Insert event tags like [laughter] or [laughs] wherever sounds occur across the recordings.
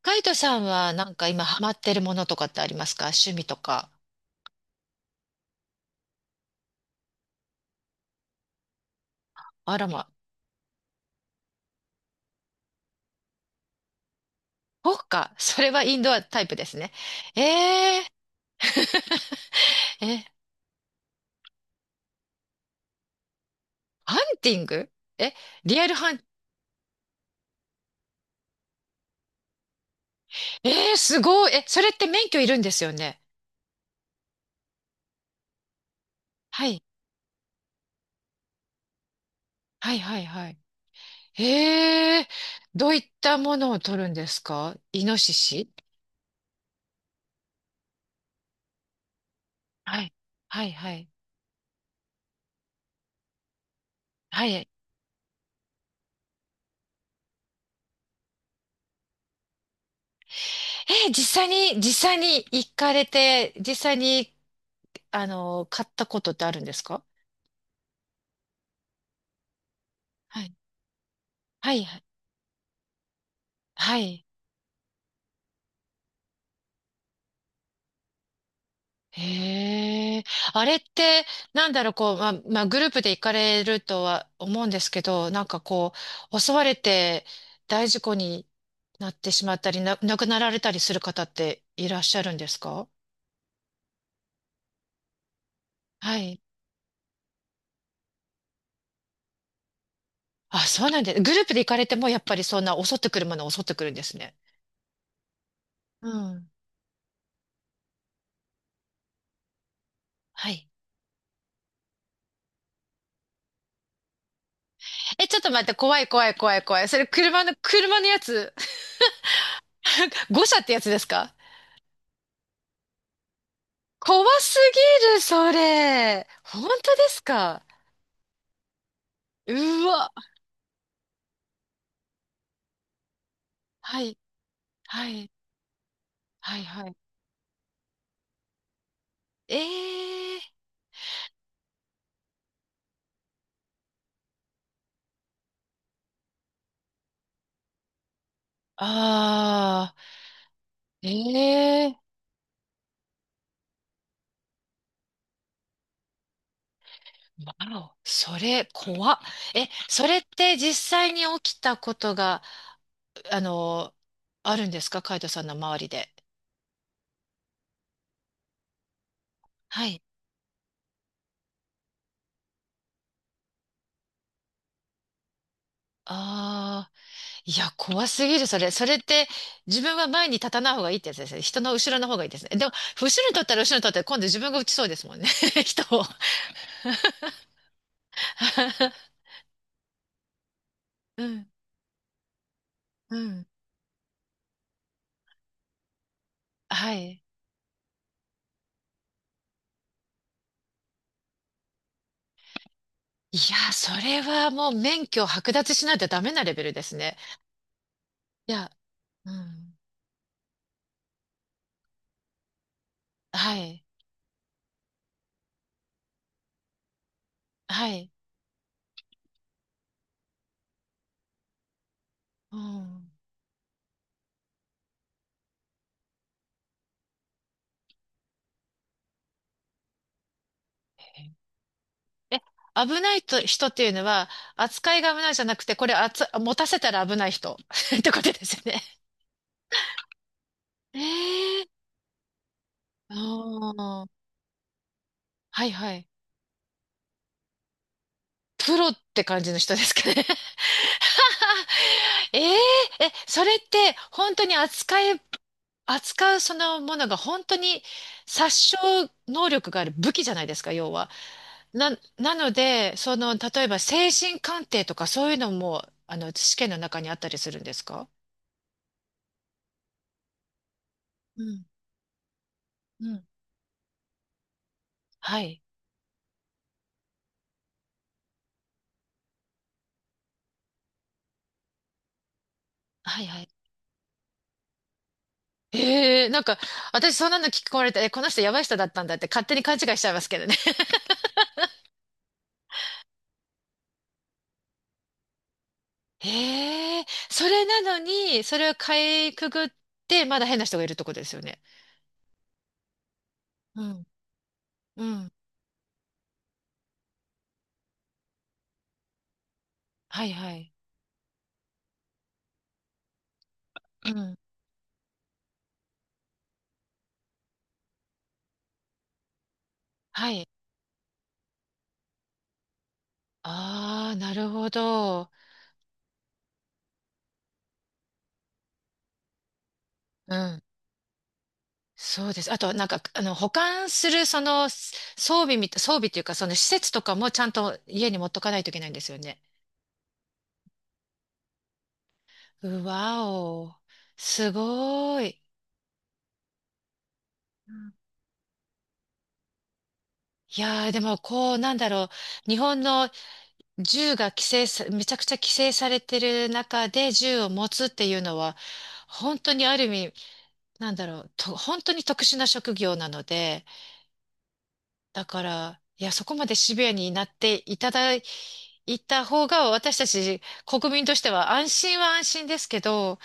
カイトさんはなんか今ハマってるものとかってありますか？趣味とか。あらま。そっか。それはインドアタイプですね。ええー、[laughs] え、ハンティング。え、リアルハン、えー、すごい。え、それって免許いるんですよね。はい。はいはいはい。ええ、どういったものを取るんですか？イノシシ。はい。はいはい。はい。ー、実実際に行かれて、実際に、あの、買ったことってあるんですか？はいはい、はい。へえ。あれって、なんだろう、こう、まあ、グループで行かれるとは思うんですけど、なんかこう、襲われて大事故になってしまったり、亡くなられたりする方っていらっしゃるんですか？はい。あ、そうなんです。グループで行かれても、やっぱりそんな襲ってくるものは襲ってくるんですね。うん。はい。え、ちょっと待って、怖い怖い怖い怖い。それ車のやつ、[laughs] 誤車ってやつですか？怖すぎる、それ。本当ですか？うわ。はい、はい、はい、はい。ええ、ああー、ええ、わお、それ、怖っ。え、それって実際に起きたことが、あの、あるんですか、カイトさんの周りで。はい。ああ、いや、怖すぎる、それ。それって、自分は前に立たない方がいいってやつですね。人の後ろの方がいいですね。でも、後ろに立ったら、今度自分が打ちそうですもんね。[laughs] 人を。[laughs] うん、うん、はい。いや、それはもう免許を剥奪しないとダメなレベルですね。いや、うん、はい、はい、うん。え、危ないと人っていうのは、扱いが危ないじゃなくて、これあつ、持たせたら危ない人 [laughs] ってことですよね。ええー、あー、はいはい。プロって感じの人ですかね。[laughs] えええ、それって本当に扱うそのものが本当に殺傷能力がある武器じゃないですか、要は。な、なので、その、例えば精神鑑定とかそういうのも、あの、試験の中にあったりするんですか？うん、うん。はい。はいはい。ええ、なんか、私そんなの聞こえられて、え、この人やばい人だったんだって勝手に勘違いしちゃいますけどね。へえ、それなのに、それをかいくぐって、まだ変な人がいるところですよね。うん、うん、はいはい。うん、はい。ああ、なるほど。うん、そうです。あと、なんか、あの、保管する、その、す装備みた、装備っていうか、その施設とかもちゃんと家に持っとかないといけないんですよね。うわお、すごい。うん。いやー、でも、こう、なんだろう。日本の銃が規制さ、めちゃくちゃ規制されてる中で銃を持つっていうのは、本当にある意味、なんだろう、本当に特殊な職業なので、だから、いや、そこまでシビアになっていただいた方が、私たち国民としては安心は安心ですけど、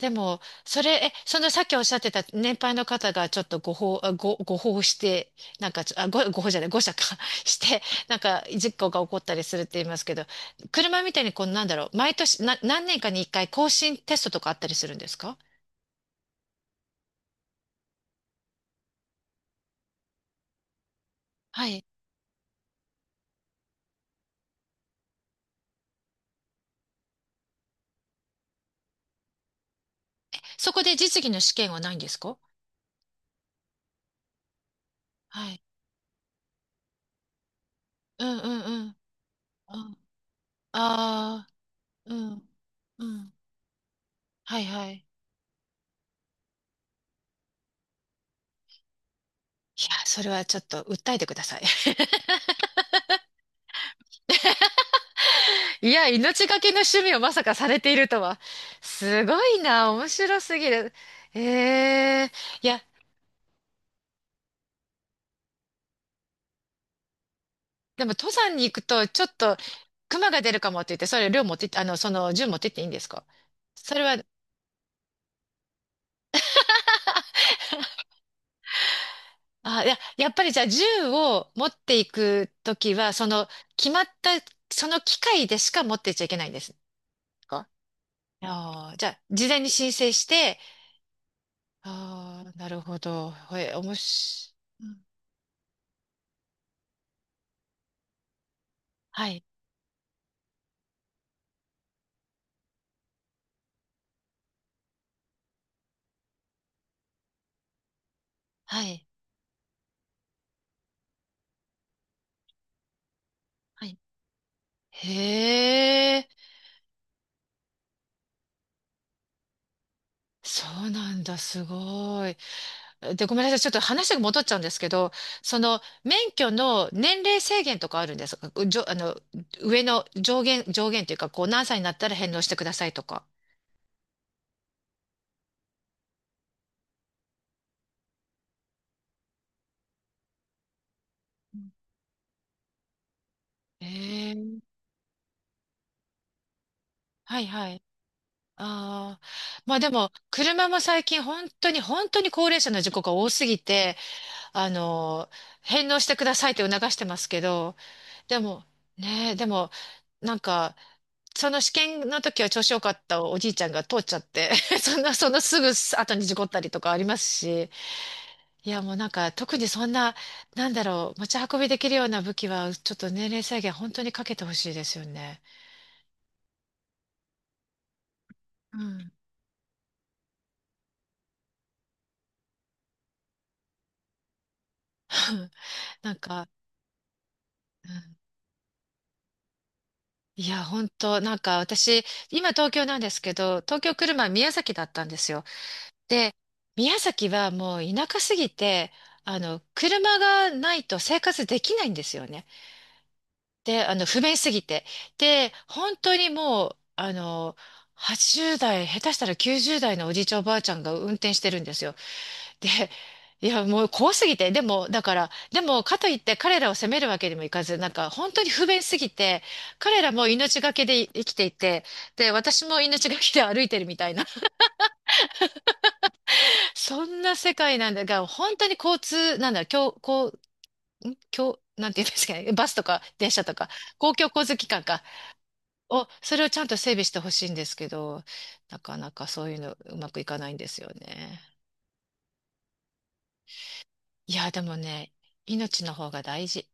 でも、それ、え、そのさっきおっしゃってた年配の方がちょっとご法して、なんかちょ、あ、ご、ご法じゃない、誤射か [laughs] して、なんか事故が起こったりするって言いますけど、車みたいにこう、なんだろう、毎年、何年かに一回更新テストとかあったりするんですか？はい。そこで実技の試験はないんですか？はい。うんうんうん。ああー、うん。うん。はいはい。いや、それはちょっと訴えてください。いや、命がけの趣味をまさかされているとは。すごいな、面白すぎる。ええ、いや、でも登山に行くと、ちょっと、熊が出るかもって言って、それ量持ってって、あの、その銃持ってっていいんですか？それは、あ、いや、やっぱりじゃあ銃を持っていくときは、その、決まった、その機械でしか持ってっちゃいけないんですか？ああ、じゃあ、事前に申請して、ああ、なるほど。え、おもし、うん、はい、はい、はい。へえ、そうなんだ、すごい。で、ごめんなさい、ちょっと話が戻っちゃうんですけど、その免許の年齢制限とかあるんですか？うじょ、あの、上限というか、こう何歳になったら返納してくださいとか。へえ、はいはい。ああ、まあでも、車も最近本当に本当に高齢者の事故が多すぎて、あの、返納してくださいって促してますけど、でも、ねえ、でも、なんか、その試験の時は調子良かったおじいちゃんが通っちゃって [laughs] そんな、そのすぐ後に事故ったりとかありますし、いやもうなんか特にそんな、なんだろう、持ち運びできるような武器はちょっと年齢制限本当にかけてほしいですよね。うん。[laughs] なんか、うん、いや、本当なんか私、今東京なんですけど、東京来る前宮崎だったんですよ。で、宮崎はもう田舎すぎて、あの、車がないと生活できないんですよね。で、あの、不便すぎて。で、本当にもう、あの、80代、下手したら90代のおじいちゃんおばあちゃんが運転してるんですよ。で、いや、もう怖すぎて、でも、だから、でも、かといって彼らを責めるわけにもいかず、なんか、本当に不便すぎて、彼らも命がけで生きていて、で、私も命がけで歩いてるみたいな、[laughs] そんな世界なんだが、本当に交通、なんだ、今日、なんて言うんですかね、バスとか電車とか、公共交通機関か、お、それをちゃんと整備してほしいんですけど、なかなかそういうのうまくいかないんですよね。いや、でもね、命の方が大事。